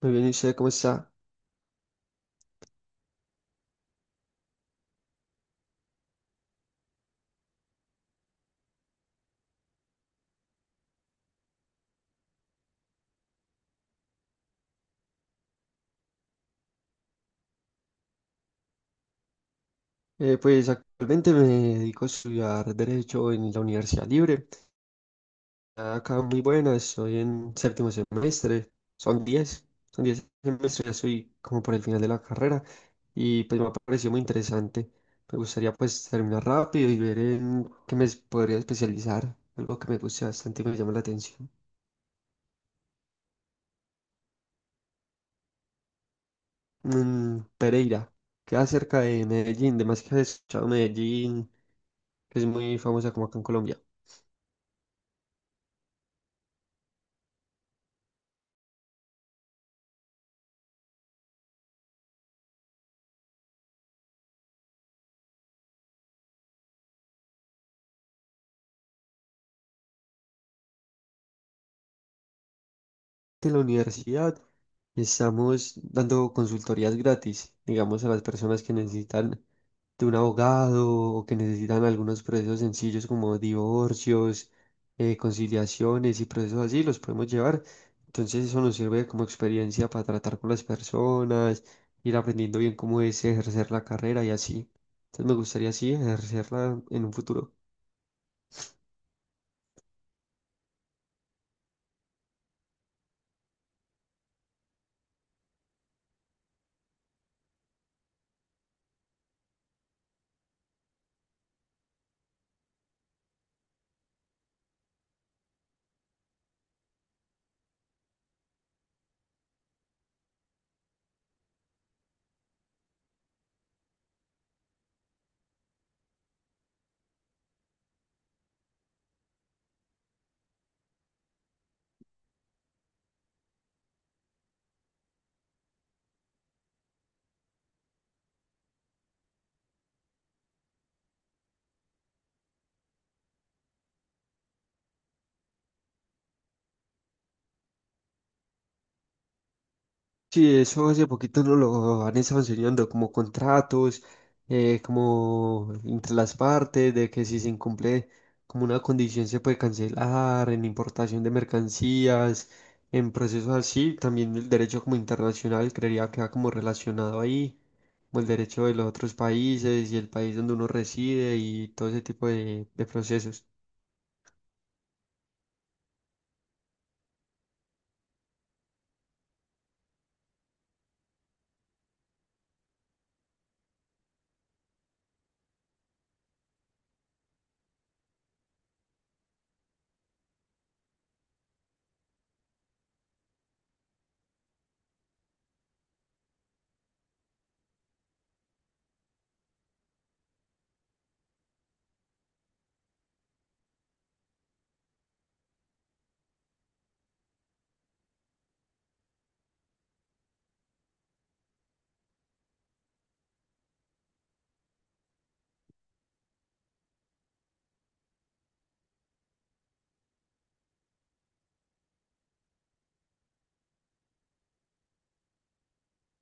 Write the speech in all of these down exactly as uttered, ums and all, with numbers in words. Muy bien, ¿y usted cómo está? Eh, pues actualmente me dedico a estudiar Derecho en la Universidad Libre. Está Acá muy buena, estoy en séptimo semestre, son diez son diez semestres, ya estoy como por el final de la carrera y pues me ha parecido muy interesante. Me gustaría pues terminar rápido y ver en qué me podría especializar, algo que me guste bastante y me llama la atención. Mm, Pereira, queda cerca de Medellín, además que has escuchado Medellín, que es muy famosa como acá en Colombia. De la universidad estamos dando consultorías gratis, digamos, a las personas que necesitan de un abogado o que necesitan algunos procesos sencillos como divorcios, eh, conciliaciones y procesos así, los podemos llevar. Entonces eso nos sirve como experiencia para tratar con las personas, ir aprendiendo bien cómo es ejercer la carrera y así. Entonces me gustaría así ejercerla en un futuro. Sí, eso hace poquito no lo han estado enseñando, como contratos, eh, como entre las partes, de que si se incumple como una condición se puede cancelar, en importación de mercancías, en procesos así, también el derecho como internacional creería que va como relacionado ahí, como el derecho de los otros países y el país donde uno reside y todo ese tipo de, de procesos.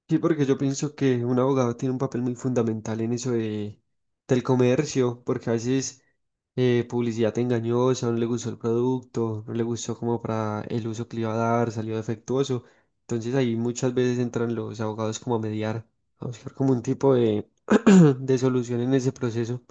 Sí, porque yo pienso que un abogado tiene un papel muy fundamental en eso de, del comercio, porque a veces eh, publicidad engañosa, no le gustó el producto, no le gustó como para el uso que le iba a dar, salió defectuoso. Entonces ahí muchas veces entran los abogados como a mediar, a buscar como un tipo de, de solución en ese proceso.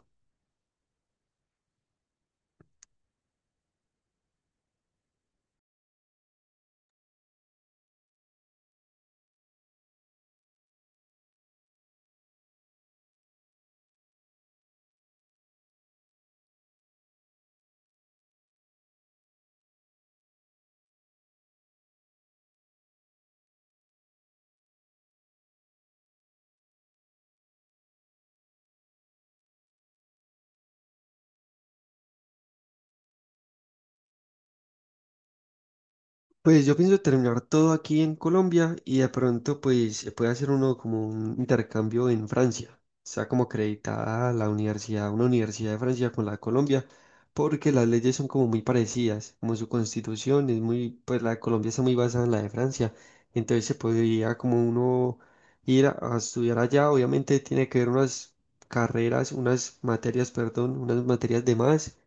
Pues yo pienso terminar todo aquí en Colombia y de pronto pues se puede hacer uno como un intercambio en Francia. Está como acreditada la universidad, una universidad de Francia con la de Colombia, porque las leyes son como muy parecidas, como su constitución es muy, pues la de Colombia está muy basada en la de Francia. Entonces se podría como uno ir a, a estudiar allá. Obviamente tiene que ver unas carreras, unas materias, perdón, unas materias de más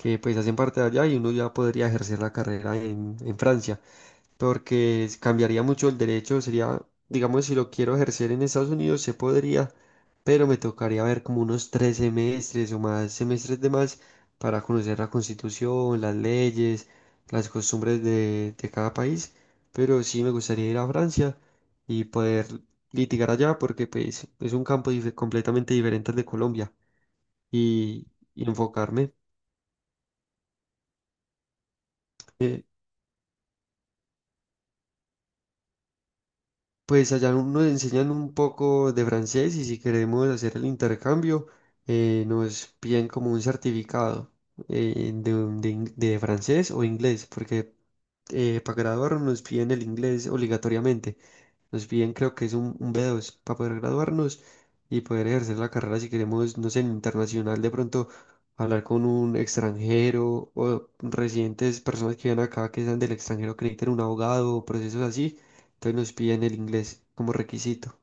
que pues hacen parte de allá y uno ya podría ejercer la carrera en, en Francia porque es- cambiaría mucho el derecho, sería, digamos, si lo quiero ejercer en Estados Unidos, se podría, pero me tocaría ver como unos tres semestres o más semestres de más para conocer la constitución, las leyes, las costumbres de, de cada país, pero sí me gustaría ir a Francia y poder litigar allá porque pues, es un campo dife- completamente diferente al de Colombia y, y enfocarme. eh, Pues allá nos enseñan un poco de francés y si queremos hacer el intercambio, eh, nos piden como un certificado eh, de, un- de ing- de francés o inglés, porque eh, para graduarnos nos piden el inglés obligatoriamente. Nos piden creo que es un, un B dos para poder graduarnos y poder ejercer la carrera si queremos, no sé, en internacional de pronto hablar con un extranjero o residentes, personas que vienen acá que sean del extranjero que necesiten un abogado o procesos así. Entonces nos piden el inglés como requisito.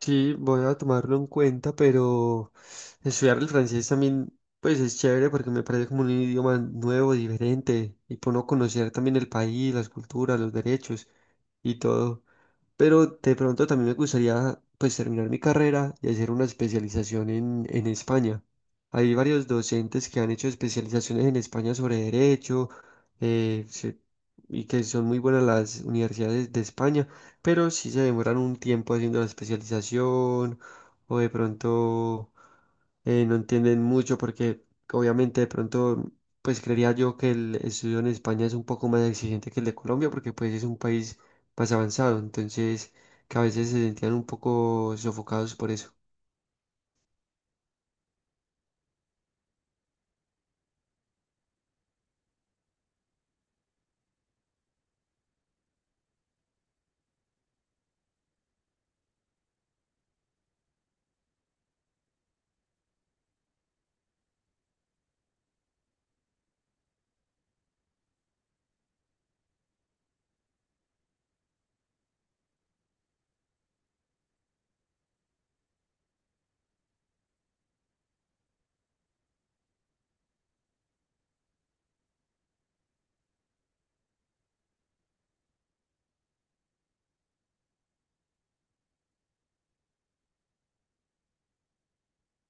Sí, voy a tomarlo en cuenta, pero estudiar el francés también, pues es chévere porque me parece como un idioma nuevo, diferente, y por no conocer también el país, las culturas, los derechos y todo. Pero de pronto también me gustaría pues terminar mi carrera y hacer una especialización en, en España. Hay varios docentes que han hecho especializaciones en España sobre derecho eh, se- y que son muy buenas las universidades de España, pero sí se demoran un tiempo haciendo la especialización o de pronto eh, no entienden mucho porque obviamente de pronto pues creería yo que el estudio en España es un poco más exigente que el de Colombia porque pues es un país más avanzado, entonces que a veces se sentían un poco sofocados por eso.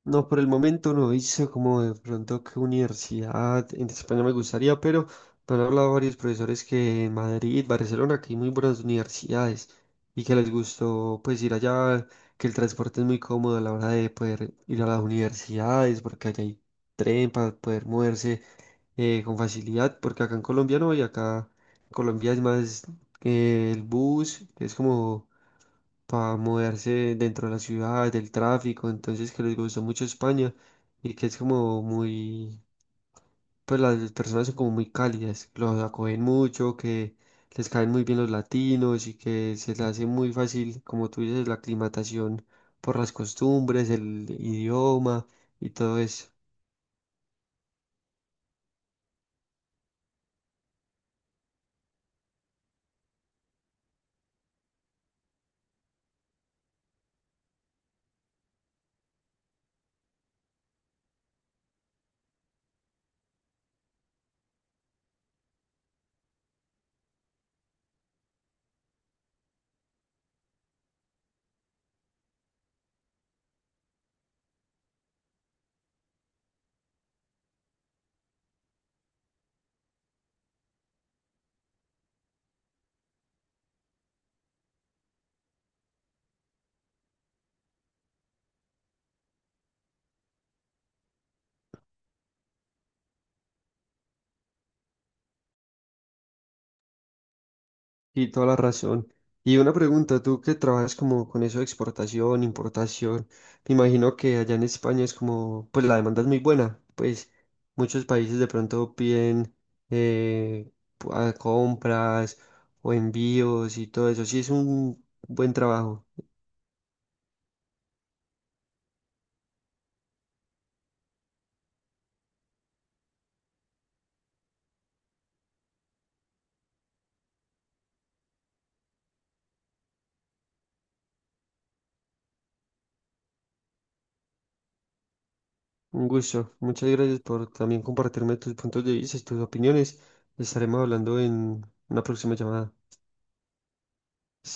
No, por el momento no hice como de pronto qué universidad en España me gustaría, pero me han hablado varios profesores que en Madrid, Barcelona, que hay muy buenas universidades y que les gustó pues ir allá, que el transporte es muy cómodo a la hora de poder ir a las universidades, porque allá hay tren para poder moverse eh, con facilidad, porque acá en Colombia no, y acá en Colombia es más eh, el bus, que es como para moverse dentro de la ciudad, del tráfico, entonces que les gustó mucho España y que es como muy, pues las personas son como muy cálidas, los acogen mucho, que les caen muy bien los latinos y que se les hace muy fácil, como tú dices, la aclimatación por las costumbres, el idioma y todo eso. Y toda la razón. Y una pregunta, tú que trabajas como con eso de exportación, importación, me imagino que allá en España es como, pues la demanda es muy buena, pues muchos países de pronto piden eh, pu- a compras o envíos y todo eso. Sí, es un buen trabajo, un gusto. Muchas gracias por también compartirme tus puntos de vista, tus opiniones. Estaremos hablando en una próxima llamada.